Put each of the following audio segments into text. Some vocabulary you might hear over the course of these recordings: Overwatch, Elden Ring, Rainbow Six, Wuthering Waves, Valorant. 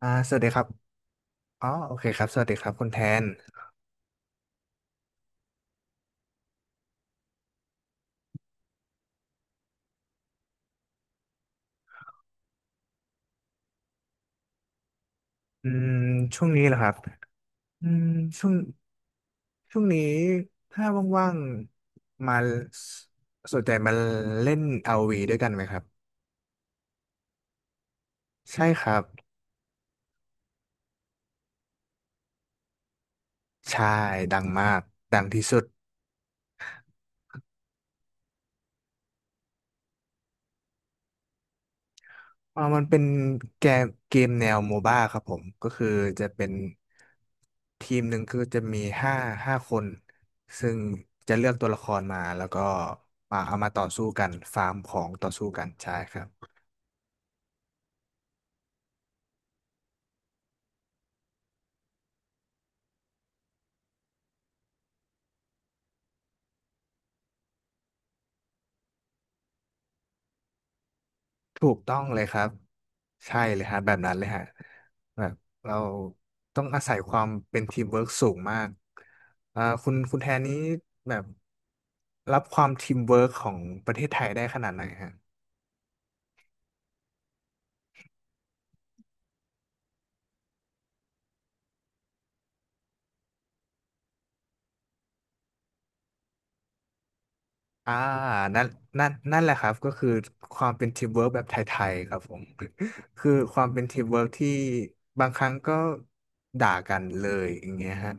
สวัสดีครับอ๋อโอเคครับ สวัสดีครับคุณแทนอืมช่วงนี้เหรอครับอืมช่วงช่วงนี้ถ้าว่างๆ มาสสนใจมาเล่นอาร์วีด้วยกันไหมครับ ใช่ครับใช่ดังมาก ดังที่สุดมันเป็นเกมเกมแนวโมบ้าครับผม ก็คือจะเป็น ทีมหนึ่งคือจะมีห้าคน ซึ่งจะเลือกตัวละครมา แล้วก็มาเอามาต่อสู้กัน ฟาร์มของต่อสู้กันใช่ครับ ถูกต้องเลยครับใช่เลยฮะแบบนั้นเลยฮะแบบเราต้องอาศัยความเป็นทีมเวิร์กสูงมากคุณแทนนี้แบบรับความทีมเวิร์กของประเทศไทยได้ขนาดไหนฮะอ่านั่นนั่นแหละครับก็คือความเป็นทีมเวิร์กแบบไทยๆครับผม คือความเป็นทีมเวิร์กที่บางครั้งก็ด่ากันเลยอย่างเงี้ยฮะ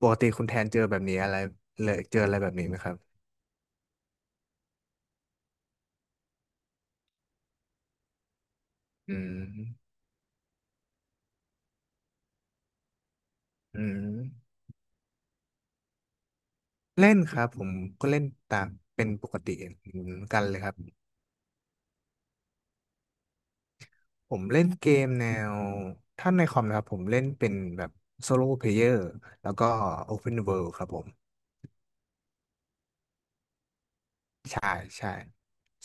ปกติคุณแทนเจอแบบนี้อะไรเลยเจออะไรแบบนี้ไหมครับอืมอืม เล่นครับผมก็เล่นตามเป็นปกติเหมือนกันเลยครับผมเล่นเกมแนวถ้าในคอมนะครับผมเล่นเป็นแบบโซโล่เพลเยอร์แล้วก็ Open World ครับผมใช่ใช่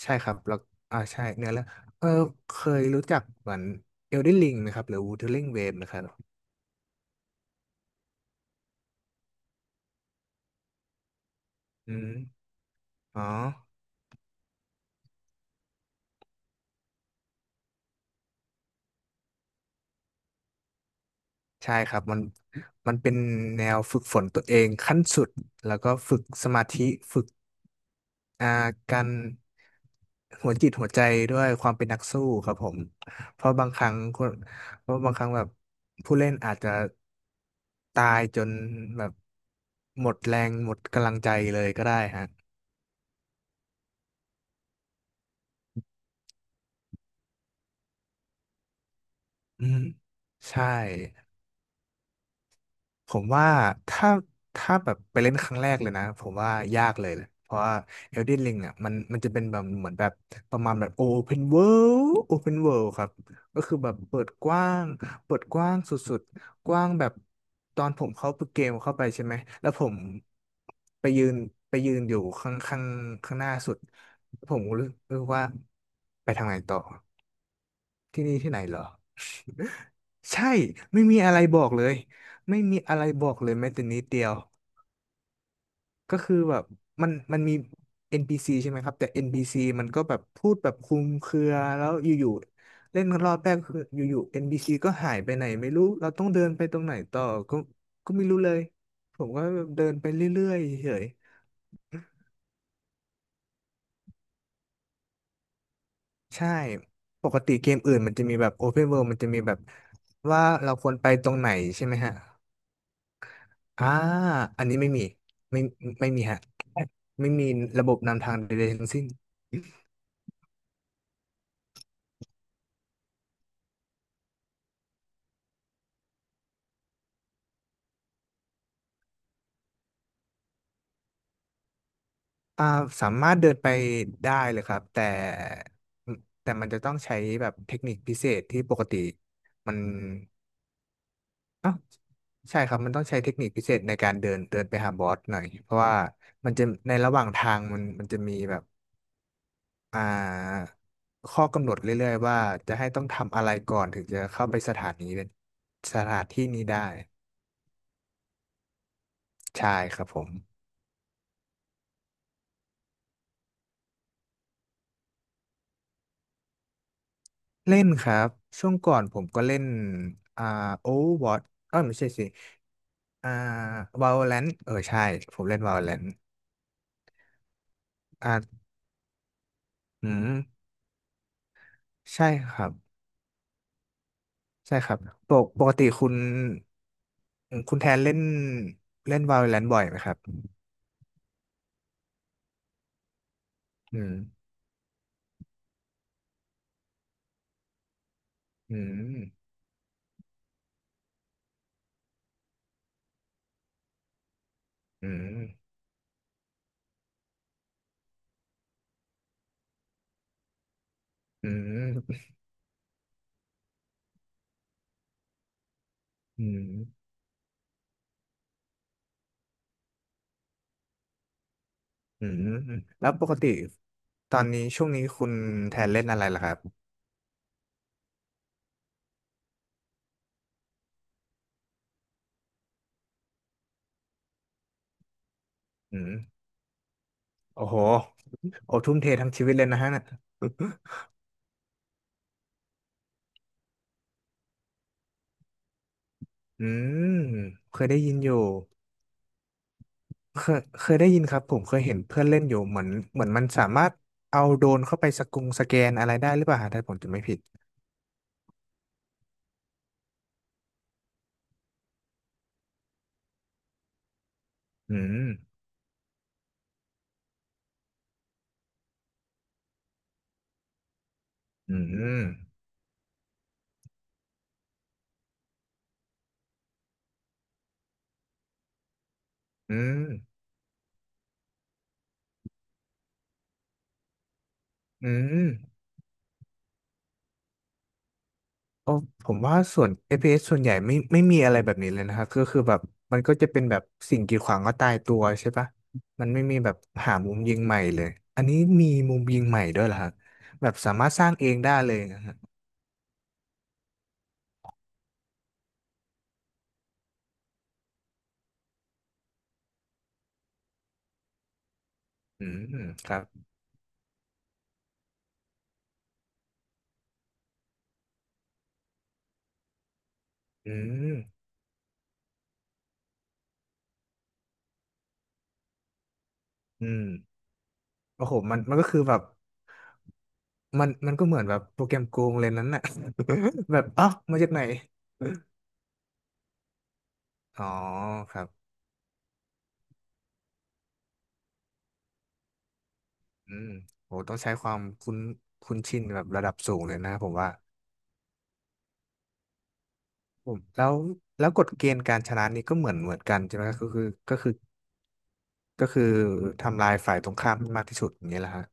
ใช่ครับแล้วใช่เนื้อแล้วเออเคยรู้จักเหมือน Elden Ring ไหมครับหรือ Wuthering Waves ไหมครับอืมอ๋อใช่ครับมันเป็นแนวฝึกฝนตัวเองขั้นสุดแล้วก็ฝึกสมาธิฝึก อ่าการหัวจิตหัวใจด้วยความเป็นนักสู้ครับผมเพราะบางครั้งคนเพราะบางครั้งแบบผู้เล่นอาจจะตายจนแบบหมดแรงหมดกำลังใจเลยก็ได้ฮะอืมใช่ ผมว่าถ้าแบบไปเล่นครั้งแรกเลยนะผมว่ายากเลยแหละเพราะว่า Elden Ring เนี่ยมันจะเป็นแบบเหมือนแบบประมาณแบบ Open World Open World ครับก็คือแบบเปิดกว้างเปิดกว้างสุดๆกว้างแบบตอนผมเข้าเกมเข้าไปใช่ไหมแล้วผมไปยืนไปยืนอยู่ข้างข้างหน้าสุดผมรู้รู้สึกว่าไปทางไหนต่อ ที่นี่ที่ไหนเหรอ ใช่ไม่มีอะไรบอกเลยไม่มีอะไรบอกเลยแม้แต่นิดเดียวก็คือแบบมันมี NPC ใช่ไหมครับแต่ NPC มันก็แบบพูดแบบคลุมเครือแล้วอยู่ๆเล่นกันรอบแรกคืออยู่ๆ NPC ก็หายไปไหนไม่รู้เราต้องเดินไปตรงไหนต่อก็ก็ไม่รู้เลยผมก็เดินไปเรื่อยๆเฉยๆใช่ปกติเกมอื่นมันจะมีแบบ Open World มันจะมีแบบว่าเราควรไปตรงไหนใช่ไหมฮะ อ่าอันนี้ไม่มี ไม่ไม่มีฮะไม่มีระบบนำทางใดๆทั้งสิ้นอ่าสามารถเดินไปได้เลยครับแต่มันจะต้องใช้แบบเทคนิคพิเศษที่ปกติมันอ้าวใช่ครับ มันต้องใช้เทคนิคพิเศษในการเดินเดินไปหาบอสหน่อยเพราะว่ามันจะในระหว่างทางมันจะมีแบบอ่าข้อกำหนดเรื่อยๆว่าจะให้ต้องทำอะไรก่อนถึงจะเข้าไปสถานีสถานที่นี้ได้ใช่ครับผม เล่นครับช่วงก่อนผมก็เล่นอ่า Overwatch เอ้ยไม่ใช่สิอ่า Valorant เออใช่ผมเล่น Valorant อ่าอืมใช่ครับใช่ครับปกปกติคุณแทนเล่นเล่น Valorant บ่อยไหมครับอืมอืมอืมอืมอืมอืมแล้วปกติตอนนี้ช่วงนี้คุณแทนเล่นอะไรล่ะครับอืมโอ้โหโอ้ทุ่มเททั้งชีวิตเลยนะฮะน่ะ อืมเคยได้ยินอยู่เคยได้ยินครับผมเคยเห็นเพื่อนเล่นอยู่เหมือนมันสามารถเอาโดรนเข้าไปสกุงสแกนอะไรได้หรือเปล่าฮะถ้าผมจำไม่ผิดอืมอืมอืมอืมโอ้ผมว่าส่วน FPS สส่วนใหญ่ไม่ไม่มีอะไรแบบนี้เลยนะครับก็คือแบบมันก็จะเป็นแบบสิ่งกีดขวางก็ตายตัวใช่ปะมันไม่มีแบบหามุมยิงใหม่เลยอันนี้มีมุมยิงใหม่ด้วยเหรอฮะแบบสามารถสร้างเองได้เลยนะฮะอืมครับอืมอืม โอ้โหมันก็คือแบบมันก็เหมือนแบบโปรแกรมโกงเลยนั้นน่ะ แบบ อ้าวมาจากไหน อ๋อครับอืมโหต้องใช้ความคุ้นคุ้นชินแบบระดับสูงเลยนะผมว่าผมแล้วแล้วกฎเกณฑ์การชนะนี่ก็เหมือนเหมือนกันใช่ไหมก็คือก็คือก็คือทำลายฝ่ายตรงข้ามให้มากที่สุดอย่างเงี้ยแหละฮะ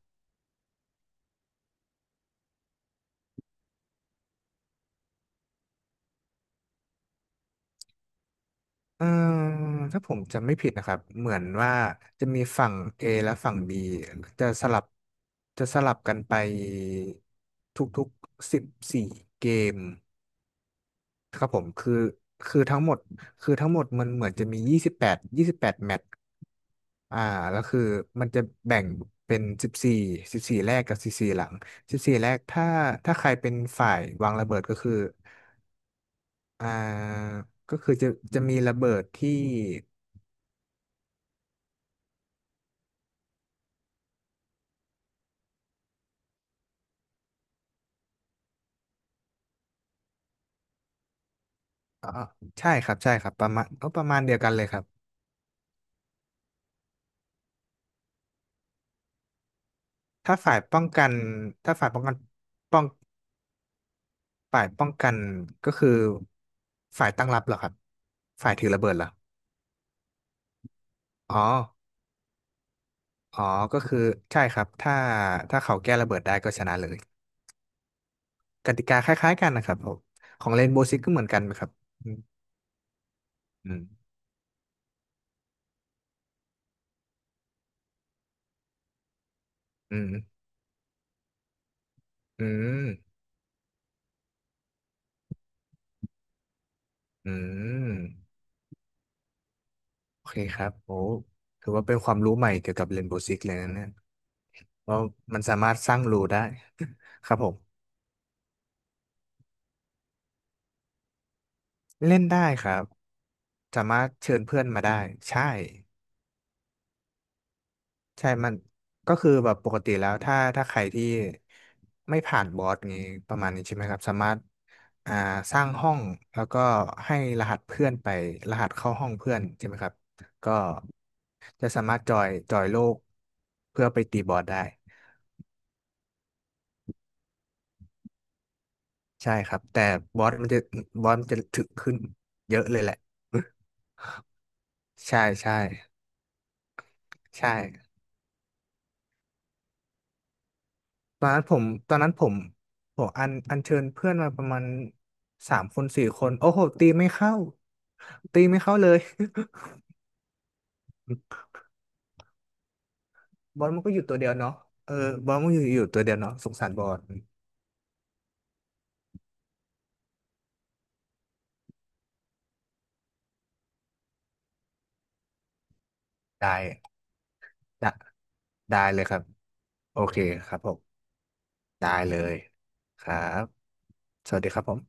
เอ่อถ้าผมจำไม่ผิดนะครับเหมือนว่าจะมีฝั่ง A และฝั่ง B จะสลับจะสลับกันไปทุกๆสิบสี่เกมครับผมคือทั้งหมดคือทั้งหมดมันเหมือนจะมียี่สิบแปดแมตช์อ่าแล้วคือมันจะแบ่งเป็นสิบสี่สิบสี่แรกกับสิบสี่หลังสิบสี่แรกถ้าใครเป็นฝ่ายวางระเบิดอ่าก็คือจะมีระเบิดที่ อ่าใช่ครับใช่ครับประมาณก็ประมาณเดียวกันเลยครับถ้าฝ่ายป้องกันถ้าฝ่ายป้องกันป้องฝ่ายป้องกันก็คือฝ่ายตั้งรับเหรอครับฝ่ายถือระเบิดเหรออ๋ออ๋อก็คือใช่ครับถ้าเขาแก้ระเบิดได้ก็ชนะเลยกติกาคล้ายๆกันนะครับผมของเรนโบว์ซิกก็เหมือนกันไหมครับอืมอืมอืมอืมอืมโอเคครับโอ้ถือว่าเป็นความรู้ใหม่เกี่ยวกับเรนโบว์ซิกเลยนะเนี่ยว่ามันสามารถสร้างรูได้ ครับผม เล่นได้ครับสามารถเชิญเพื่อนมาได้ใช่ใช่มันก็คือแบบปกติแล้วถ้าใครที่ไม่ผ่านบอสนี้ประมาณนี้ใช่ไหมครับสามารถอ่าสร้างห้องแล้วก็ให้รหัสเพื่อนไปรหัสเข้าห้องเพื่อนใช่ไหมครับก็จะสามารถจอยโลกเพื่อไปตีบอสได้ใช่ครับแต่บอสมันจะบอสมันจะถึกขึ้นเยอะเลยแหละ ใช่ใช่ใช่ ตอนนั้นผมผมอัญเชิญเพื่อนมาประมาณ3 คน4 คนโอ้โหตีไม่เข้าตีไม่เข้าเลย บอลมันก็อยู่ตัวเดียวเนาะเออบอลมันอยู่ตัวเดียวเนาะสงสารบอลได้ได้ได้เลยครับโอเคครับผมได้เลยครับสวัสดีครับผม